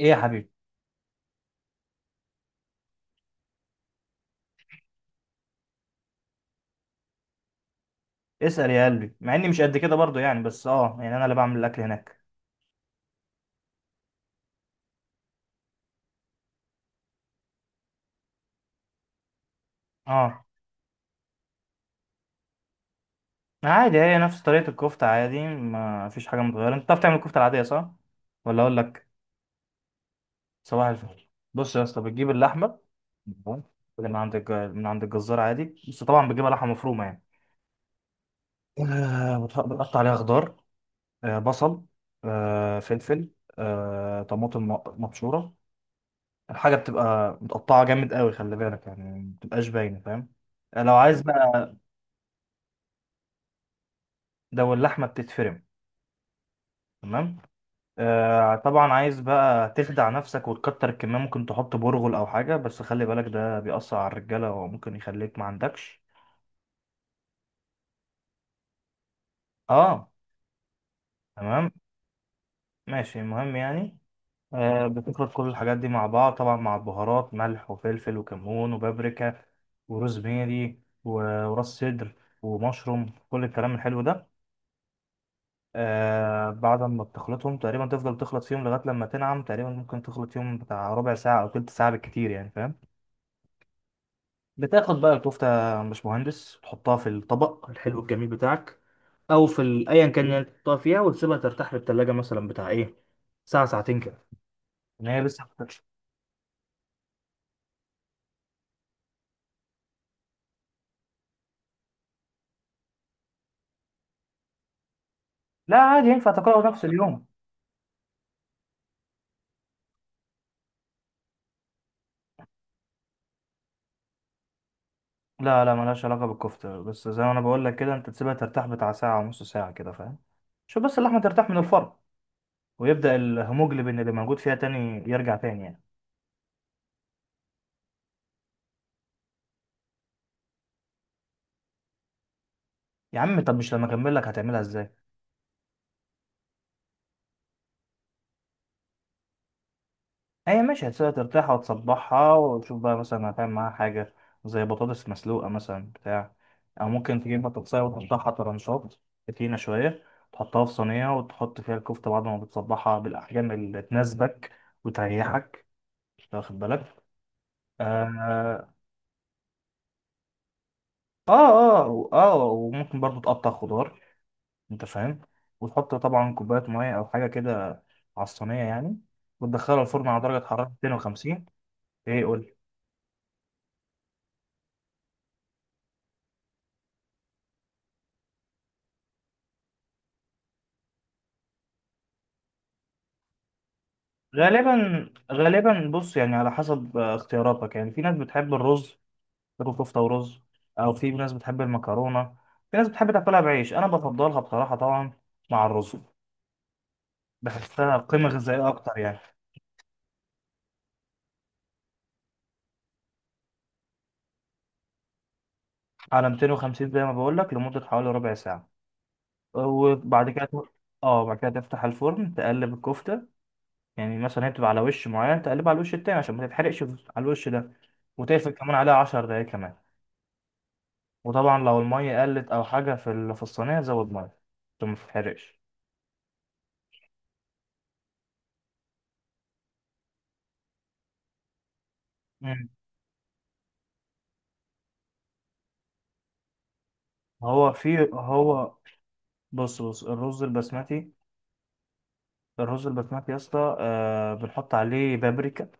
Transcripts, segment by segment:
ايه يا حبيبي. اسأل يا قلبي، مع اني مش قد كده برضو يعني، بس اه يعني انا اللي بعمل الاكل هناك. اه عادي، هي نفس طريقة الكفتة عادي، ما فيش حاجة متغيرة. انت بتعرف تعمل الكفتة العادية صح ولا اقول لك؟ صباح الفل. بص يا اسطى، بتجيب اللحمة، تمام؟ من عند الجزار عادي، بس طبعا بتجيبها لحمة مفرومة يعني. آه، بتقطع عليها خضار، آه، بصل، آه، فلفل، آه، طماطم مبشورة. الحاجة بتبقى متقطعة جامد قوي، خلي بالك يعني، ما بتبقاش باينة، فاهم؟ لو عايز بقى. ده واللحمة بتتفرم. تمام. آه طبعا، عايز بقى تخدع نفسك وتكتر الكمية، ممكن تحط برغل أو حاجة، بس خلي بالك ده بيأثر على الرجالة وممكن يخليك ما عندكش. اه. تمام. ماشي، المهم يعني، آه بتخلط كل الحاجات دي مع بعض، طبعا مع البهارات، ملح وفلفل وكمون وبابريكا وروزميري وراس صدر ومشروم، كل الكلام الحلو ده. آه بعد ما بتخلطهم تقريبا، تفضل تخلط فيهم لغاية لما تنعم تقريبا، ممكن تخلط فيهم بتاع ربع ساعة أو تلت ساعة بالكتير، يعني فاهم. بتاخد بقى الكفتة يا باشمهندس، تحطها في الطبق الحلو الجميل بتاعك، أو في أيا كان اللي تحطها فيها، وتسيبها ترتاح في التلاجة مثلا بتاع إيه، ساعة ساعتين كده. إن هي لسه ما فتتش. لا عادي، ينفع تاكلها نفس اليوم. لا لا، ملهاش علاقة بالكفتة، بس زي ما أنا بقول لك كده، أنت تسيبها ترتاح بتاع ساعة ونص ساعة كده، فاهم. شوف بس اللحمة ترتاح من الفرن، ويبدأ الهيموجلوبين اللي موجود فيها تاني يرجع تاني يعني. يا عم طب مش لما أكمل لك هتعملها إزاي. هي ماشي، هتسيبها ترتاح وتصبحها وتشوف بقى مثلا هتعمل معاها حاجة زي بطاطس مسلوقة مثلا بتاع، أو ممكن تجيب بطاطساية وتقطعها طرنشات تخينة شوية، تحطها في صينية وتحط فيها الكفتة بعد ما بتصبحها بالأحجام اللي تناسبك وتريحك، أنت واخد بالك. آه. آه، وممكن برضو تقطع خضار، أنت فاهم، وتحط طبعا كوباية مية أو حاجة كده على الصينية يعني، وتدخلها الفرن على درجة حرارة 250. إيه قول. غالبا غالبا بص، يعني على حسب آه، اختياراتك، يعني في ناس بتحب الرز، تاكل كفته ورز، او في ناس بتحب المكرونه، في ناس بتحب تاكلها بعيش، انا بفضلها بصراحه طبعا مع الرز، بحسها قيمه غذائيه اكتر يعني. على 250 زي ما بقول لك، لمده حوالي ربع ساعه، وبعد كده ت-. اه بعد كده تفتح الفرن تقلب الكفته، يعني مثلا هي بتبقى على وش معين، تقلبها على الوش التاني عشان ما تتحرقش على الوش ده، وتقفل كمان عليها 10 دقايق كمان. وطبعا لو المية قلت أو حاجة في في الصينية، زود مية عشان ما تتحرقش. مم. هو في هو، بص بص، الرز البسمتي، الرز البسمتي يا اسطى، آه بنحط عليه بابريكا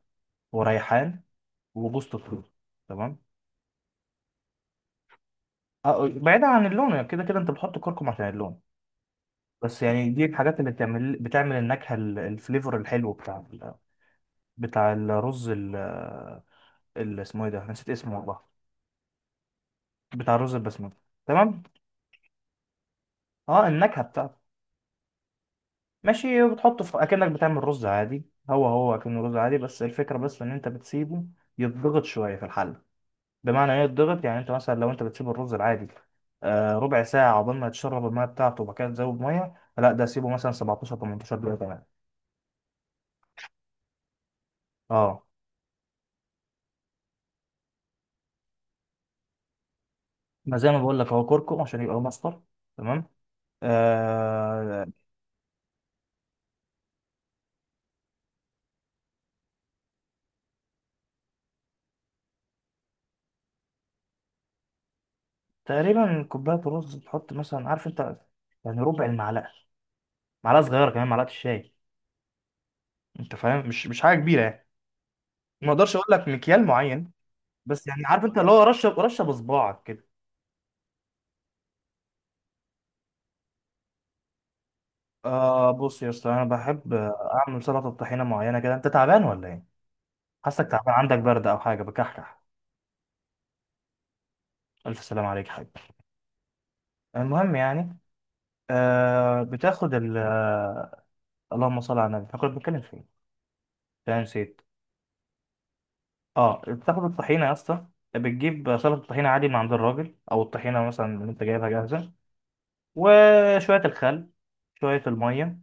وريحان وجوز الطيب، تمام. آه بعيدا عن اللون، كده كده انت بتحط كركم عشان اللون. بس يعني دي الحاجات اللي بتعمل بتعمل النكهة الفليفر الحلو بتاع بتاع الرز، اسمه ايه ده، نسيت اسمه والله. بتاع الرز البسمتي، تمام. اه النكهة بتاعته. ماشي، وبتحطه في اكنك بتعمل رز عادي، هو هو اكنه رز عادي، بس الفكره بس ان انت بتسيبه يتضغط شويه في الحله. بمعنى ايه يتضغط؟ يعني انت مثلا لو انت بتسيب الرز العادي آه ربع ساعه عقبال ما يتشرب الميه بتاعته، وبعد كده تزود ميه، لا ده سيبه مثلا 17 18 دقيقه كمان. اه. ما زي ما بقول لك، هو كركم عشان يبقى مصفر. تمام. آه. تقريبا كوبايه رز، تحط مثلا، عارف انت، يعني ربع المعلقه، معلقه صغيره، كمان معلقه الشاي، انت فاهم، مش حاجه كبيره يعني، ما اقدرش اقول لك مكيال معين. بس يعني عارف انت اللي هو رشه رشه بصباعك كده. آه بص يا اسطى، انا بحب اعمل سلطه طحينه معينه كده، انت تعبان ولا ايه؟ حاسك تعبان، عندك برد او حاجه، بكحكح. الف سلام عليك يا حبيبي. المهم يعني، آه بتاخد ال آه، اللهم صل على النبي، كنت بتكلم في ايه، أنا نسيت. اه بتاخد الطحينه يا اسطى، بتجيب سلطه طحينه عادي من عند الراجل، او الطحينه مثلا اللي انت جايبها جاهزه، وشويه الخل، شويه الميه،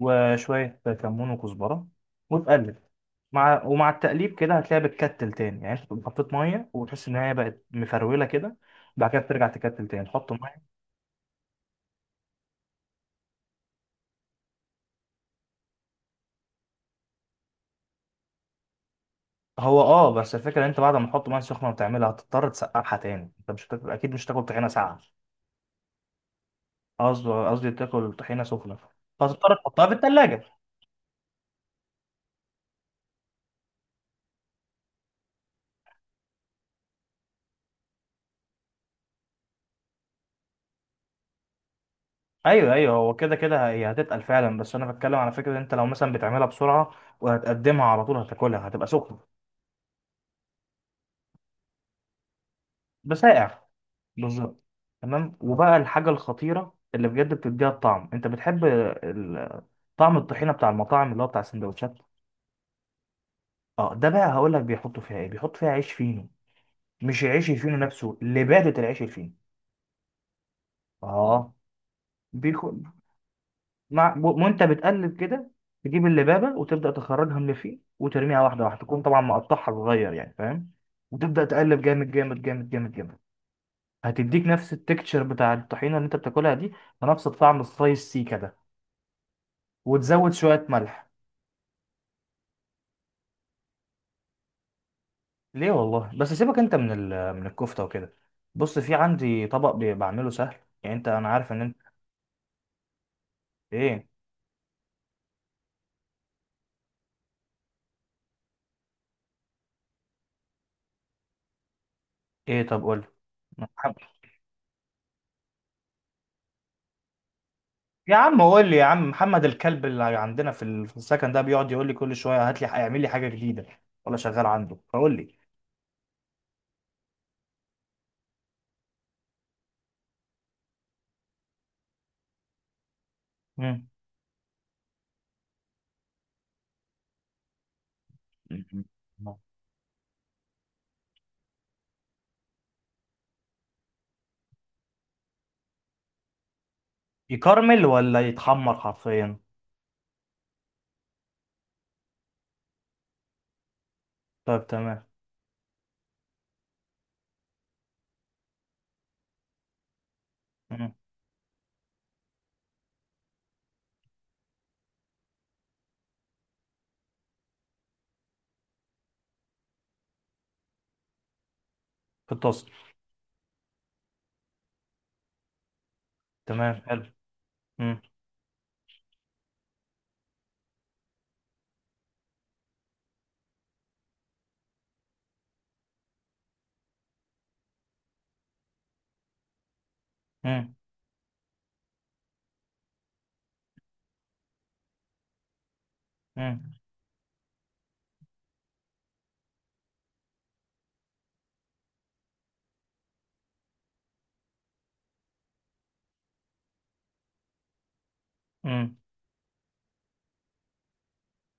وشوية كمون وكزبرة، وتقلب. مع ومع التقليب كده هتلاقيها بتكتل تاني، يعني انت تقوم حطيت مية وتحس ان هي بقت مفرولة كده، بعد كده بترجع تكتل تاني، تحط مية. هو اه، بس الفكرة ان انت بعد ما تحط مية سخنة وتعملها هتضطر تسقعها تاني، انت مش هتاكل، اكيد مش هتاكل طحينة ساقعة. قصدي تاكل طحينة سخنة، فهتضطر تحطها في التلاجة. ايوه ايوه، هو كده كده هي هتتقل فعلا، بس انا بتكلم على فكرة ان انت لو مثلا بتعملها بسرعة وهتقدمها على طول هتاكلها، هتبقى سخنة. بسائع. بالظبط. تمام. وبقى الحاجة الخطيرة اللي بجد بتديها الطعم، انت بتحب طعم الطحينة بتاع المطاعم اللي هو بتاع السندوتشات. اه ده بقى هقول لك بيحطوا فيها ايه، بيحطوا فيها عيش فينو، مش العيش الفينو نفسه، لبادة العيش الفينو. اه، بيكون وانت بتقلب كده، تجيب اللبابة وتبدأ تخرجها من اللي فيه وترميها واحدة واحدة، تكون طبعا مقطعها صغير يعني فاهم، وتبدأ تقلب جامد. هتديك نفس التكتشر بتاع الطحينة اللي انت بتاكلها دي، ونفس الطعم السلايس سي كده، وتزود شوية ملح. ليه والله، بس سيبك انت من الكفتة وكده. بص في عندي طبق بعمله سهل، يعني انت انا عارف ان انت. ايه. ايه طب قول لي. محمد. يا عم قول لي يا عم، محمد الكلب اللي عندنا في في السكن ده بيقعد يقول لي كل شوية هات لي اعمل لي حاجة جديدة، ولا شغال عنده، فقول لي. مم. مم. يكرمل ولا يتحمر حرفيا. طيب تمام. مم. في الطاسة. تمام حلو. مم. مم. مم. مم.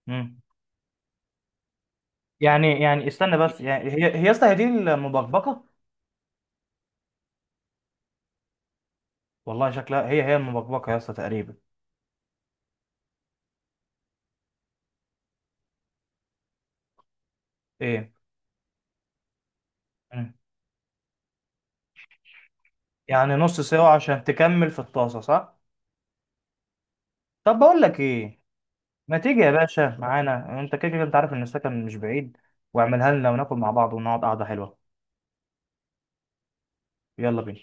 مم. يعني يعني استنى بس، يعني هي هي يا اسطى هي دي المبكبكه. والله شكلها هي هي المبكبكه يا اسطى تقريبا. ايه. مم. يعني نص سوا عشان تكمل في الطاسه صح. طب بقول لك ايه، ما تيجي يا باشا معانا، انت كده كده انت عارف ان السكن مش بعيد، واعملها لنا وناكل مع بعض ونقعد قعده حلوه. يلا بينا.